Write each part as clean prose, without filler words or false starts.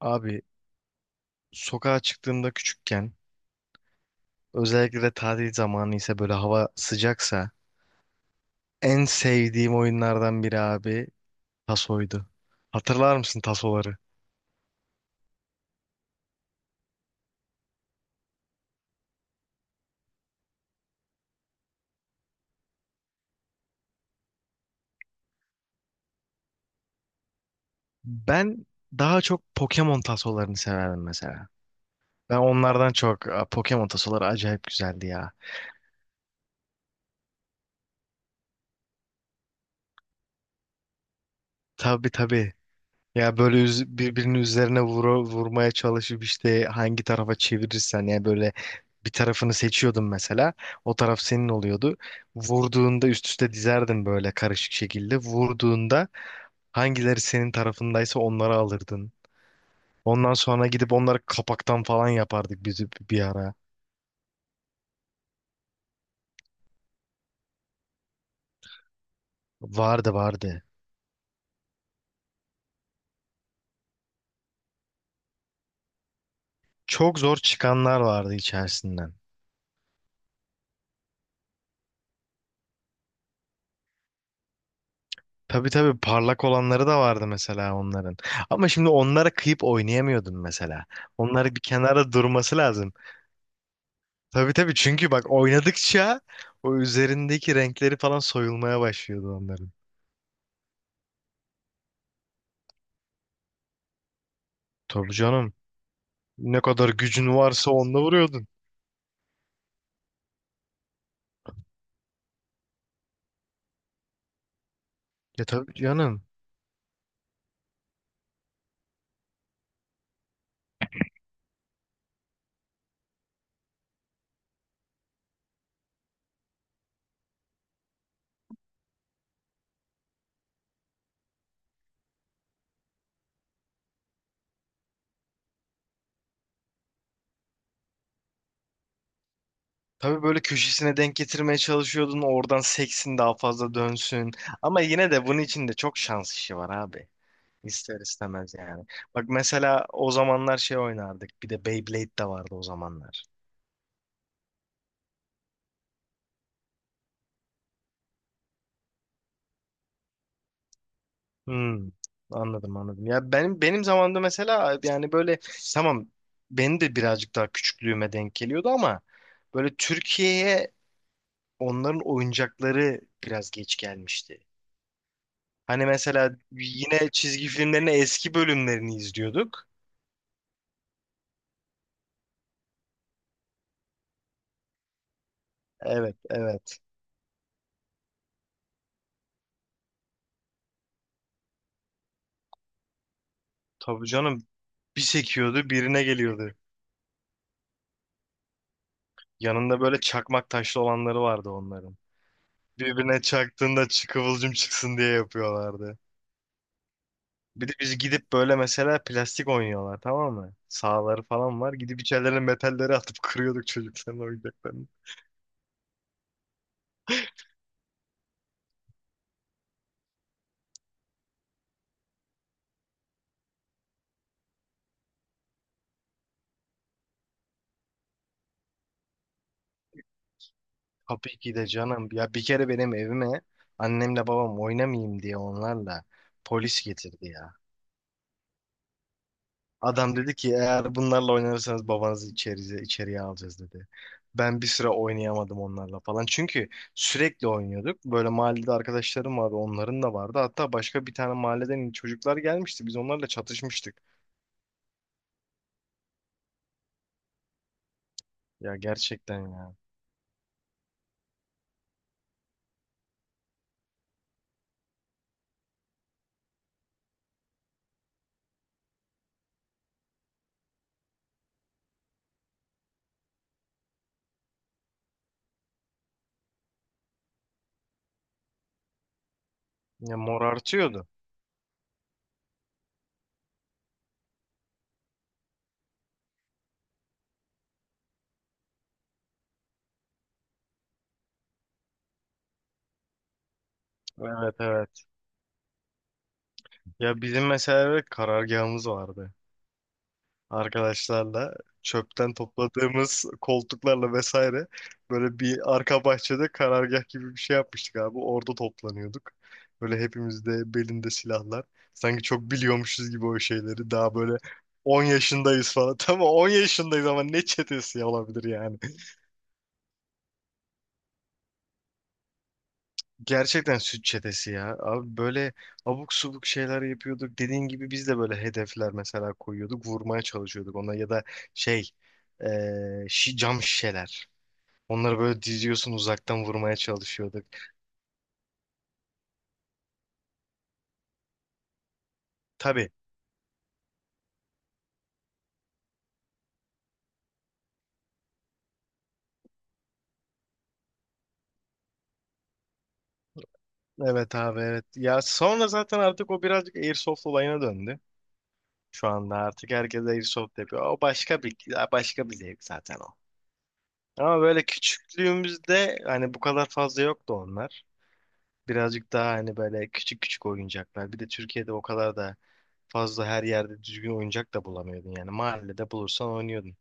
Abi sokağa çıktığımda küçükken özellikle de tatil zamanı ise böyle hava sıcaksa en sevdiğim oyunlardan biri abi tasoydu. Hatırlar mısın tasoları? Ben daha çok Pokemon tasolarını severdim mesela. Ben onlardan çok Aa, Pokemon tasoları acayip güzeldi ya. Tabii tabii. Ya böyle birbirinin üzerine vurmaya çalışıp işte hangi tarafa çevirirsen yani böyle bir tarafını seçiyordun mesela o taraf senin oluyordu. Vurduğunda üst üste dizerdin böyle karışık şekilde. Vurduğunda hangileri senin tarafındaysa onları alırdın. Ondan sonra gidip onları kapaktan falan yapardık biz bir ara. Vardı vardı. Çok zor çıkanlar vardı içerisinden. Tabii tabii, parlak olanları da vardı mesela onların. Ama şimdi onlara kıyıp oynayamıyordun mesela. Onları bir kenara durması lazım. Tabii tabii, çünkü bak oynadıkça o üzerindeki renkleri falan soyulmaya başlıyordu onların. Tabii canım. Ne kadar gücün varsa onunla vuruyordun. Ya tabii canım. Tabii böyle köşesine denk getirmeye çalışıyordun. Oradan seksin daha fazla dönsün. Ama yine de bunun için de çok şans işi var abi. İster istemez yani. Bak mesela o zamanlar şey oynardık. Bir de Beyblade de vardı o zamanlar. Hmm, anladım anladım. Ya benim zamanımda mesela yani böyle tamam beni de birazcık daha küçüklüğüme denk geliyordu ama böyle Türkiye'ye onların oyuncakları biraz geç gelmişti. Hani mesela yine çizgi filmlerin eski bölümlerini izliyorduk. Evet evet. Tabii canım, bir sekiyordu birine geliyordu. Yanında böyle çakmak taşlı olanları vardı onların. Birbirine çaktığında kıvılcım çıksın diye yapıyorlardı. Bir de biz gidip böyle mesela plastik oynuyorlar tamam mı? Sahaları falan var. Gidip içerilerine metalleri atıp kırıyorduk çocukların oyuncaklarını. Tabii ki de canım. Ya bir kere benim evime annemle babam oynamayayım diye onlarla polis getirdi ya. Adam dedi ki eğer bunlarla oynarsanız babanızı içeriye, alacağız dedi. Ben bir süre oynayamadım onlarla falan. Çünkü sürekli oynuyorduk. Böyle mahallede arkadaşlarım vardı, onların da vardı. Hatta başka bir tane mahalleden çocuklar gelmişti. Biz onlarla çatışmıştık. Ya gerçekten ya. Ya morartıyordu. Evet evet. Ya bizim mesela evet, karargahımız vardı. Arkadaşlarla çöpten topladığımız koltuklarla vesaire böyle bir arka bahçede karargah gibi bir şey yapmıştık abi. Orada toplanıyorduk. Böyle hepimiz de belinde silahlar. Sanki çok biliyormuşuz gibi o şeyleri. Daha böyle 10 yaşındayız falan. Tamam 10 yaşındayız ama ne çetesi olabilir yani. Gerçekten süt çetesi ya. Abi böyle abuk subuk şeyler yapıyorduk. Dediğin gibi biz de böyle hedefler mesela koyuyorduk. Vurmaya çalışıyorduk ona ya da şey eee, cam şişeler. Onları böyle diziyorsun uzaktan vurmaya çalışıyorduk. Tabii. Evet abi evet. Ya sonra zaten artık o birazcık Airsoft olayına döndü. Şu anda artık herkes Airsoft yapıyor. O başka bir zevk zaten o. Ama böyle küçüklüğümüzde hani bu kadar fazla yoktu onlar. Birazcık daha hani böyle küçük küçük oyuncaklar. Bir de Türkiye'de o kadar da fazla her yerde düzgün oyuncak da bulamıyordun yani. Mahallede bulursan oynuyordun.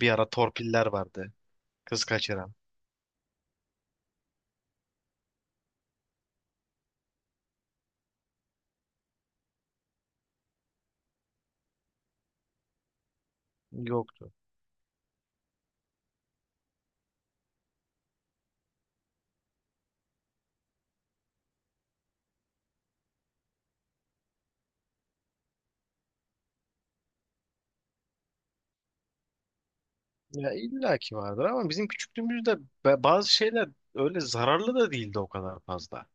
Bir ara torpiller vardı. Kız kaçıran. Yoktu. Ya illa ki vardır ama bizim küçüklüğümüzde bazı şeyler öyle zararlı da değildi o kadar fazla.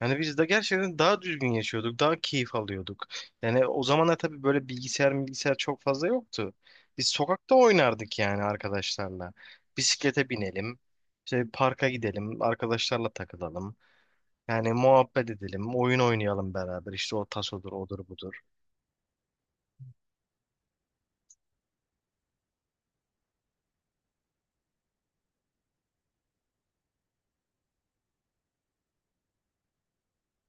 Yani biz de gerçekten daha düzgün yaşıyorduk, daha keyif alıyorduk. Yani o zamanlar tabii böyle bilgisayar çok fazla yoktu. Biz sokakta oynardık yani arkadaşlarla. Bisiklete binelim, işte parka gidelim, arkadaşlarla takılalım. Yani muhabbet edelim, oyun oynayalım beraber. İşte o tasodur, odur budur.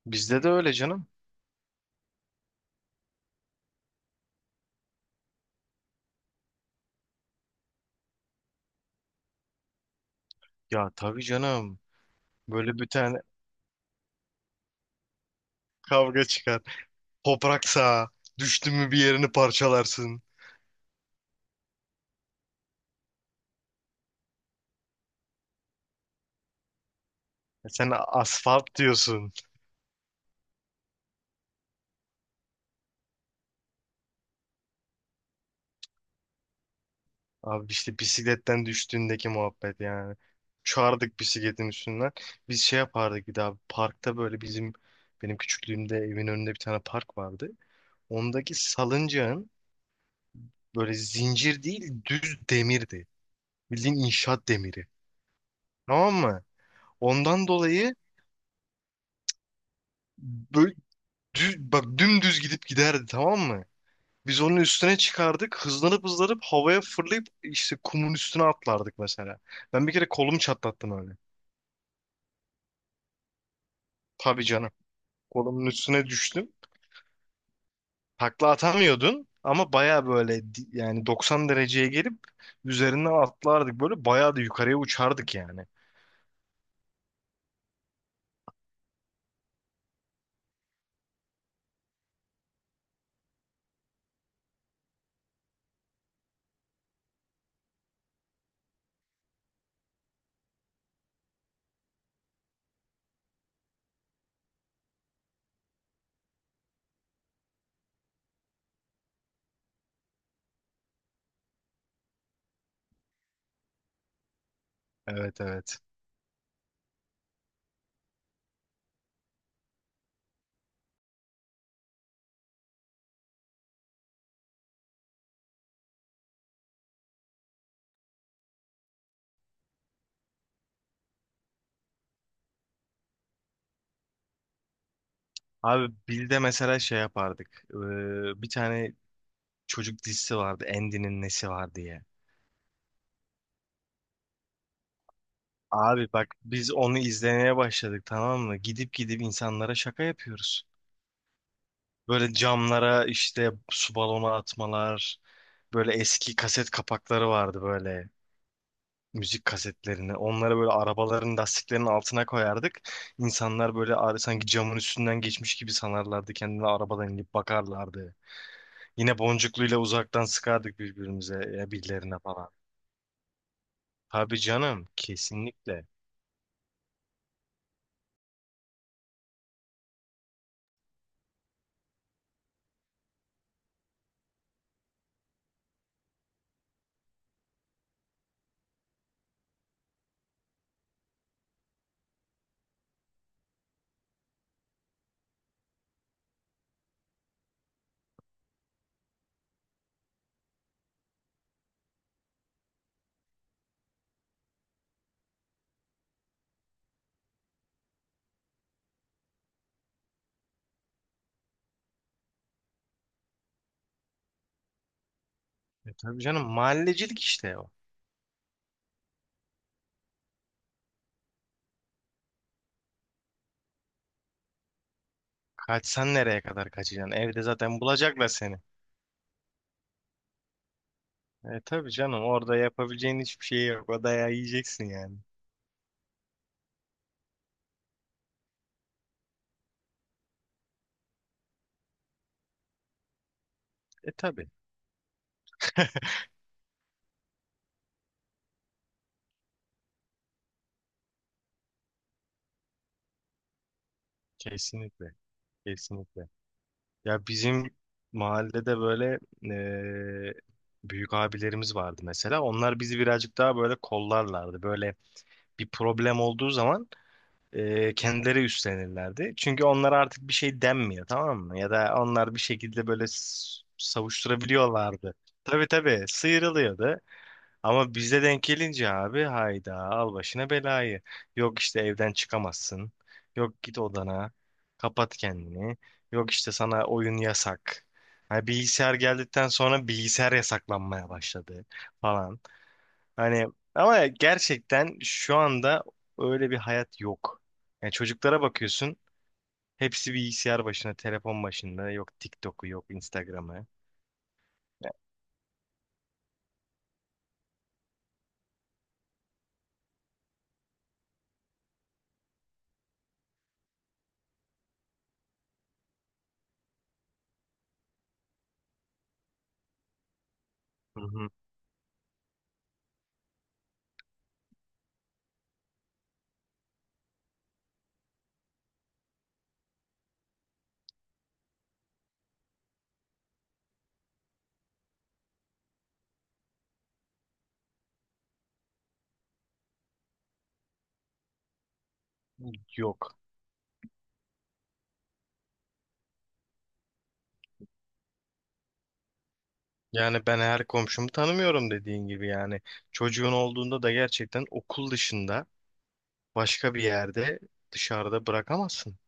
Bizde de öyle canım. Ya tabii canım. Böyle bir tane kavga çıkar. Toprak sağ. Düştün mü bir yerini parçalarsın. Ya, sen asfalt diyorsun. Abi işte bisikletten düştüğündeki muhabbet yani. Çağırdık bisikletin üstünden. Biz şey yapardık bir daha. Parkta böyle benim küçüklüğümde evin önünde bir tane park vardı. Ondaki salıncağın böyle zincir değil düz demirdi. Bildiğin inşaat demiri. Tamam mı? Ondan dolayı böyle düz, bak dümdüz gidip giderdi tamam mı? Biz onun üstüne çıkardık. Hızlanıp hızlanıp havaya fırlayıp işte kumun üstüne atlardık mesela. Ben bir kere kolumu çatlattım öyle. Tabii canım. Kolumun üstüne düştüm. Takla atamıyordun ama baya böyle yani 90 dereceye gelip üzerinden atlardık. Böyle baya da yukarıya uçardık yani. Evet evet. Abi Bill'de mesela şey yapardık. Bir tane çocuk dizisi vardı. Andy'nin nesi var diye. Abi bak biz onu izlemeye başladık tamam mı? Gidip gidip insanlara şaka yapıyoruz. Böyle camlara işte su balonu atmalar. Böyle eski kaset kapakları vardı böyle müzik kasetlerini. Onları böyle arabaların lastiklerinin altına koyardık. İnsanlar böyle sanki camın üstünden geçmiş gibi sanarlardı. Kendine arabadan inip bakarlardı. Yine boncukluyla uzaktan sıkardık birbirimize, ya birilerine falan. Tabii canım, kesinlikle. E, tabii canım, mahallecilik işte o. Kaçsan nereye kadar kaçacaksın? Evde zaten bulacaklar seni. E tabii canım, orada yapabileceğin hiçbir şey yok. O dayağı yiyeceksin yani. E tabii. Kesinlikle. Kesinlikle. Ya bizim mahallede böyle büyük abilerimiz vardı mesela. Onlar bizi birazcık daha böyle kollarlardı. Böyle bir problem olduğu zaman kendileri üstlenirlerdi. Çünkü onlara artık bir şey denmiyor tamam mı? Ya da onlar bir şekilde böyle savuşturabiliyorlardı. Tabii tabii, sıyrılıyordu. Ama bize denk gelince abi hayda al başına belayı. Yok işte evden çıkamazsın. Yok git odana. Kapat kendini. Yok işte sana oyun yasak. Hani bilgisayar geldikten sonra bilgisayar yasaklanmaya başladı falan. Hani ama gerçekten şu anda öyle bir hayat yok. Yani çocuklara bakıyorsun. Hepsi bilgisayar başında, telefon başında. Yok TikTok'u, yok Instagram'ı. Hı hı. Yok. Yani ben her komşumu tanımıyorum dediğin gibi yani. Çocuğun olduğunda da gerçekten okul dışında başka bir yerde dışarıda bırakamazsın.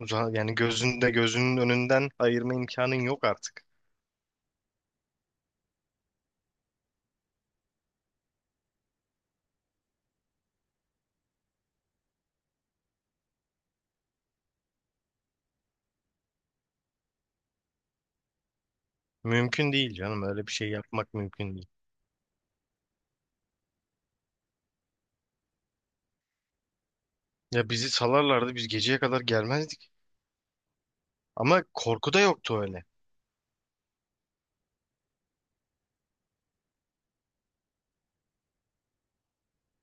Yani gözünün önünden ayırma imkanın yok artık. Mümkün değil canım, öyle bir şey yapmak mümkün değil. Ya bizi salarlardı, biz geceye kadar gelmezdik. Ama korku da yoktu öyle.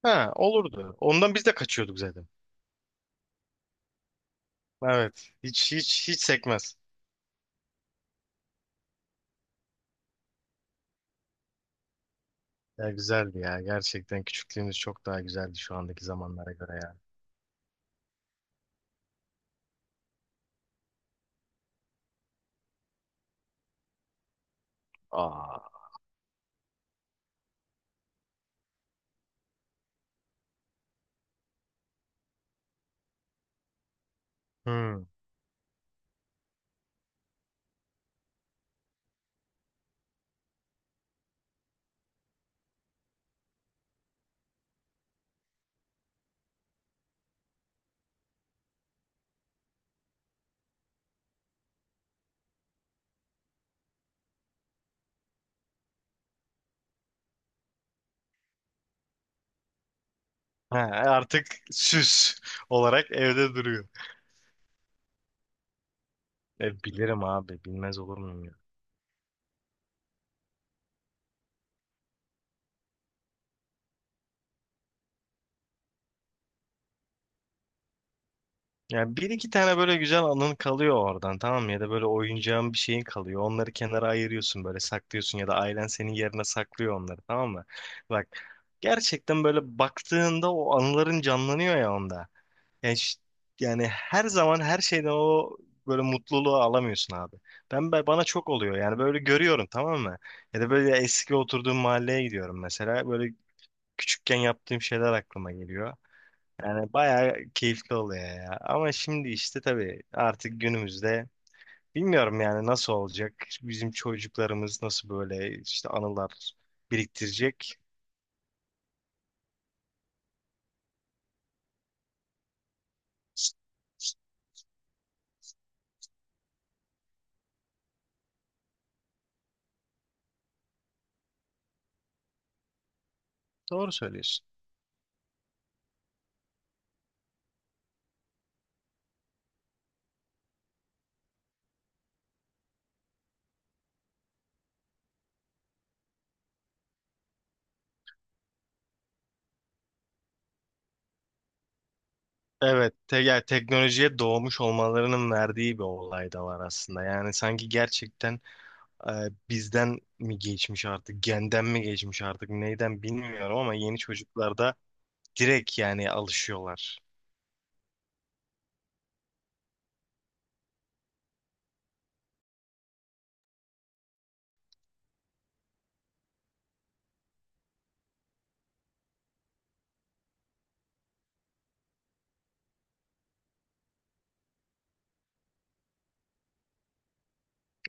Ha olurdu. Ondan biz de kaçıyorduk zaten. Evet, hiç hiç hiç sekmez. Ya güzeldi ya, gerçekten küçüklüğümüz çok daha güzeldi şu andaki zamanlara göre ya. Aa. Hmm. Ha, artık süs olarak evde duruyor. E, bilirim abi, bilmez olur muyum ya? Yani bir iki tane böyle güzel anın kalıyor oradan tamam mı? Ya da böyle oyuncağın bir şeyin kalıyor. Onları kenara ayırıyorsun böyle saklıyorsun ya da ailen senin yerine saklıyor onları tamam mı? Bak, gerçekten böyle baktığında o anıların canlanıyor ya onda. Yani, yani her zaman her şeyden o böyle mutluluğu alamıyorsun abi. Bana çok oluyor yani böyle görüyorum tamam mı? Ya da böyle eski oturduğum mahalleye gidiyorum mesela. Böyle küçükken yaptığım şeyler aklıma geliyor. Yani bayağı keyifli oluyor ya. Ama şimdi işte tabii artık günümüzde bilmiyorum yani nasıl olacak. Bizim çocuklarımız nasıl böyle işte anılar biriktirecek. Doğru söylüyorsun. Evet, yani teknolojiye doğmuş olmalarının verdiği bir olay da var aslında. Yani sanki gerçekten e, bizden mi geçmiş artık, genden mi geçmiş artık, neyden bilmiyorum ama yeni çocuklarda direkt yani alışıyorlar.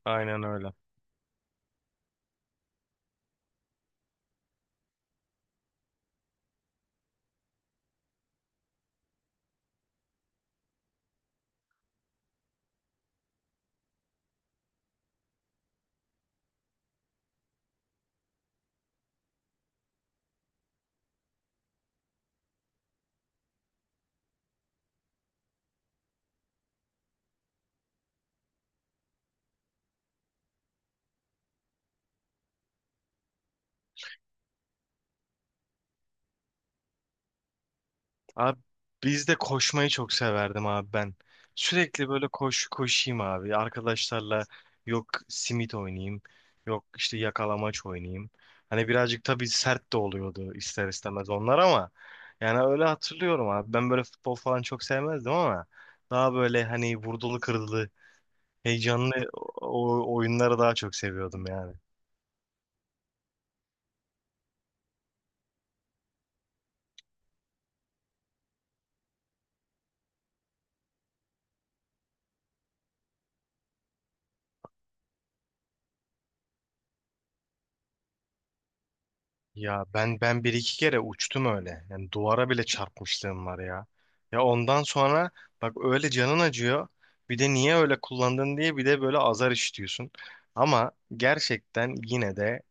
Aynen öyle. Abi biz de koşmayı çok severdim abi ben. Sürekli böyle koş koşayım abi. Arkadaşlarla yok simit oynayayım. Yok işte yakalamaç oynayayım. Hani birazcık tabii sert de oluyordu ister istemez onlar ama yani öyle hatırlıyorum abi. Ben böyle futbol falan çok sevmezdim ama daha böyle hani vurdulu kırdılı heyecanlı oyunları daha çok seviyordum yani. Ya ben bir iki kere uçtum öyle. Yani duvara bile çarpmışlığım var ya. Ya ondan sonra bak öyle canın acıyor. Bir de niye öyle kullandın diye bir de böyle azar işitiyorsun. Ama gerçekten yine de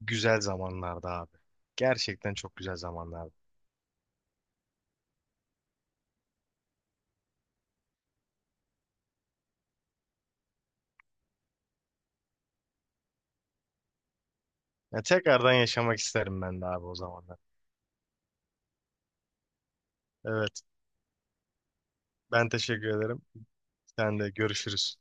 güzel zamanlardı abi. Gerçekten çok güzel zamanlardı. Ya tekrardan yaşamak isterim ben de abi o zamanlar. Evet, ben teşekkür ederim. Sen de görüşürüz.